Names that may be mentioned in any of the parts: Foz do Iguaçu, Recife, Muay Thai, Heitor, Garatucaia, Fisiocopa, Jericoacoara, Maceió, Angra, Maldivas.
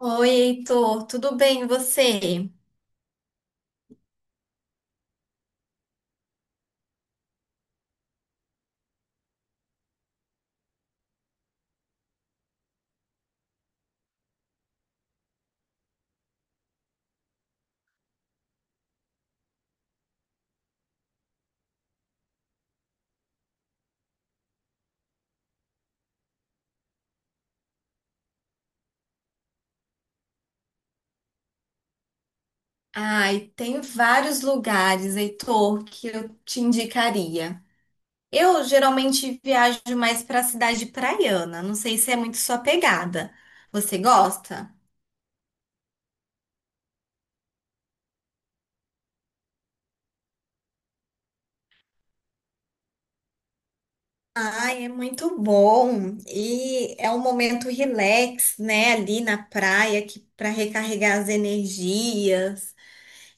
Oi, Heitor, tudo bem e você? Ai, tem vários lugares, Heitor, que eu te indicaria. Eu geralmente viajo mais para a cidade praiana, não sei se é muito sua pegada. Você gosta? Ai, é muito bom. E é um momento relax, né, ali na praia, que para recarregar as energias.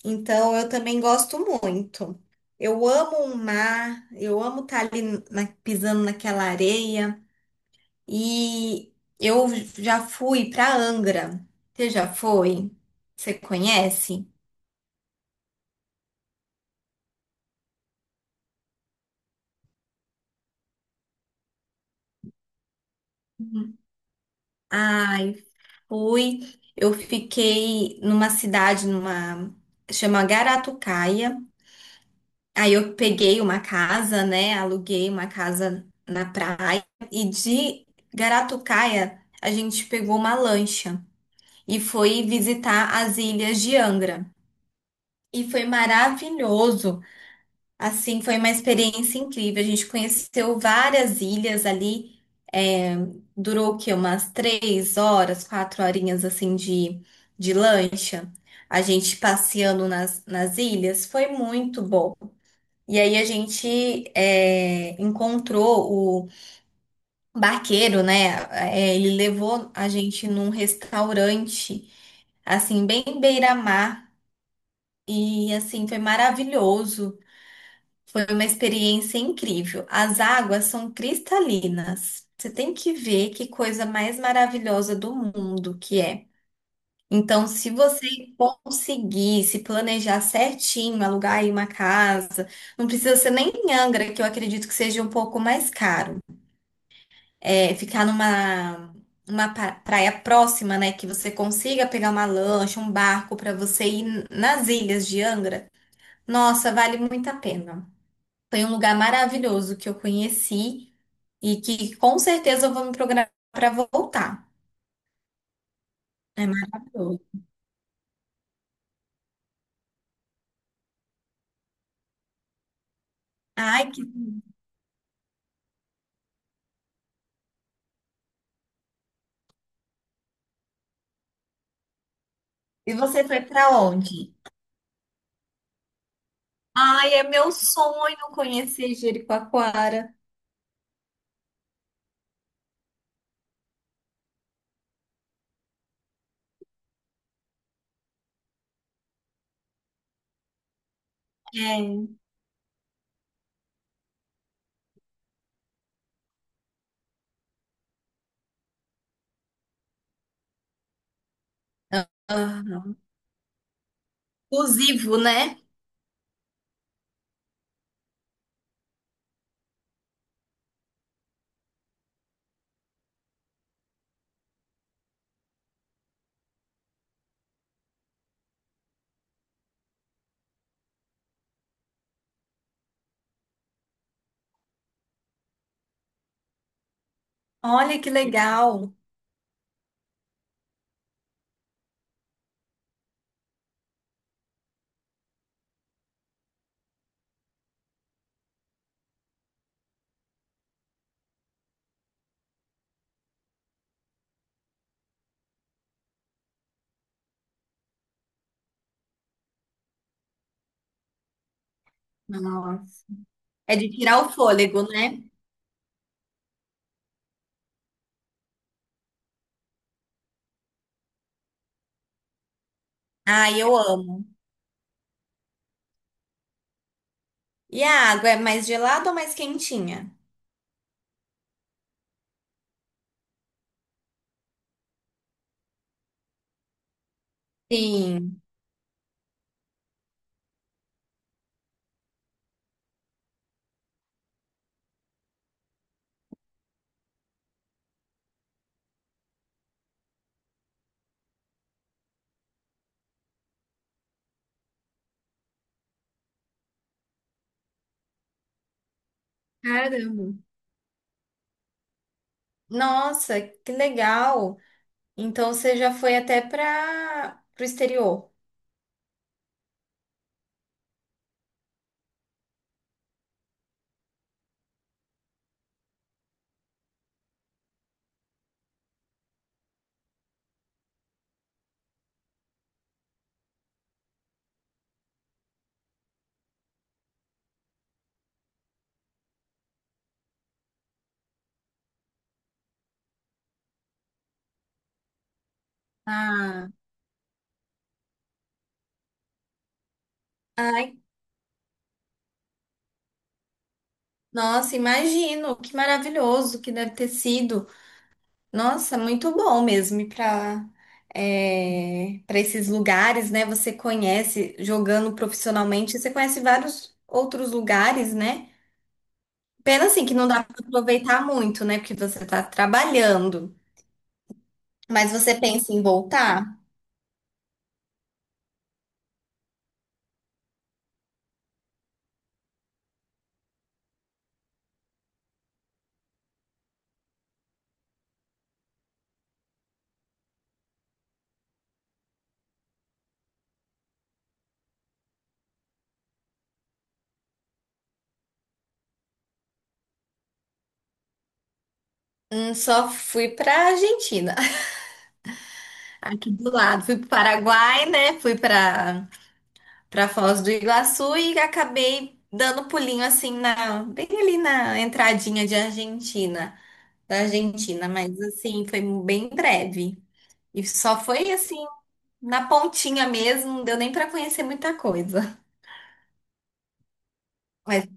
Então, eu também gosto muito. Eu amo o mar, eu amo estar ali pisando naquela areia. E eu já fui para Angra. Você já foi? Você conhece? Uhum. Ai, fui. Eu fiquei numa cidade, numa chama Garatucaia. Aí eu peguei uma casa, né? Aluguei uma casa na praia e de Garatucaia a gente pegou uma lancha e foi visitar as ilhas de Angra. E foi maravilhoso. Assim, foi uma experiência incrível. A gente conheceu várias ilhas ali. É, durou o quê? Umas 3 horas, 4 horinhas assim de lancha. A gente passeando nas ilhas. Foi muito bom. E aí a gente encontrou o barqueiro, né? É, ele levou a gente num restaurante, assim, bem beira-mar. E assim, foi maravilhoso. Foi uma experiência incrível. As águas são cristalinas. Você tem que ver que coisa mais maravilhosa do mundo que é. Então, se você conseguir se planejar certinho, alugar aí uma casa, não precisa ser nem em Angra, que eu acredito que seja um pouco mais caro. É, ficar numa uma praia próxima, né, que você consiga pegar uma lancha, um barco para você ir nas ilhas de Angra. Nossa, vale muito a pena. Foi um lugar maravilhoso que eu conheci e que com certeza eu vou me programar para voltar. É maravilhoso. Ai, que... E você foi para onde? Ai, é meu sonho conhecer Jericoacoara. É. Aham. Exclusivo, né? Olha que legal. Nossa. É de tirar o fôlego, né? Ai, eu amo. E a água é mais gelada ou mais quentinha? Sim. Caramba. Nossa, que legal. Então você já foi até para o exterior. Ah, ai, nossa, imagino, que maravilhoso que deve ter sido. Nossa, muito bom mesmo ir para esses lugares, né? Você conhece jogando profissionalmente, você conhece vários outros lugares, né? Pena assim que não dá para aproveitar muito, né? Porque você está trabalhando. Mas você pensa em voltar? Só fui pra Argentina, aqui do lado. Fui pro Paraguai, né? Fui pra Foz do Iguaçu e acabei dando pulinho assim bem ali na entradinha da Argentina, mas assim, foi bem breve. E só foi assim na pontinha mesmo, não deu nem pra conhecer muita coisa. Mas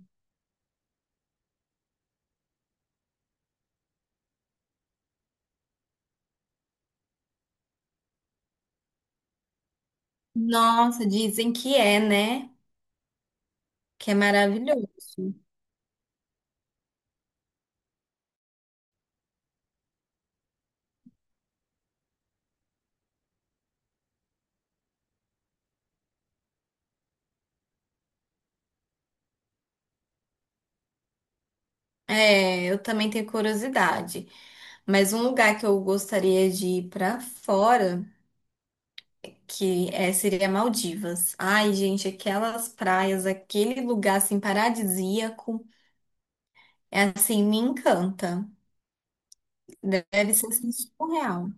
nossa, dizem que é, né? Que é maravilhoso. É, eu também tenho curiosidade. Mas um lugar que eu gostaria de ir pra fora, seria Maldivas. Ai, gente, aquelas praias, aquele lugar assim paradisíaco, é assim, me encanta. Deve ser assim, surreal.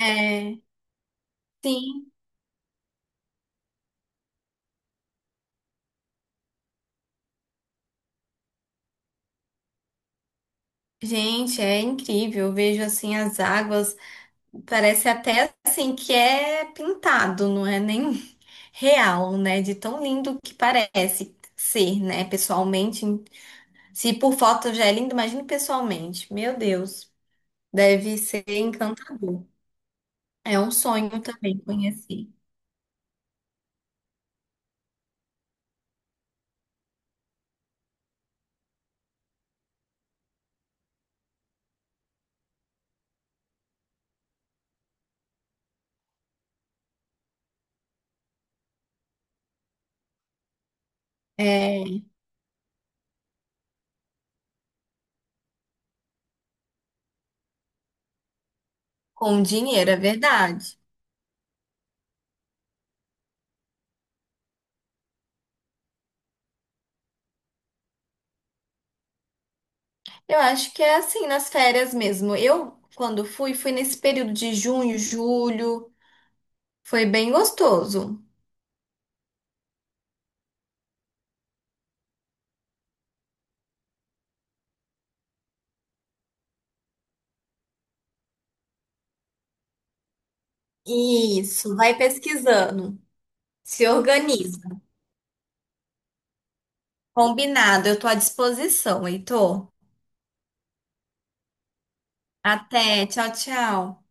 É, sim. Gente, é incrível. Eu vejo assim as águas, parece até assim que é pintado, não é nem real, né? De tão lindo que parece ser, né? Pessoalmente. Se por foto já é lindo, imagine pessoalmente. Meu Deus, deve ser encantador. É um sonho também conhecer. É, com dinheiro, é verdade. Eu acho que é assim, nas férias mesmo. Eu, quando fui, fui nesse período de junho, julho. Foi bem gostoso. Isso, vai pesquisando. Se organiza. Combinado, eu tô à disposição, Heitor. Até, tchau, tchau.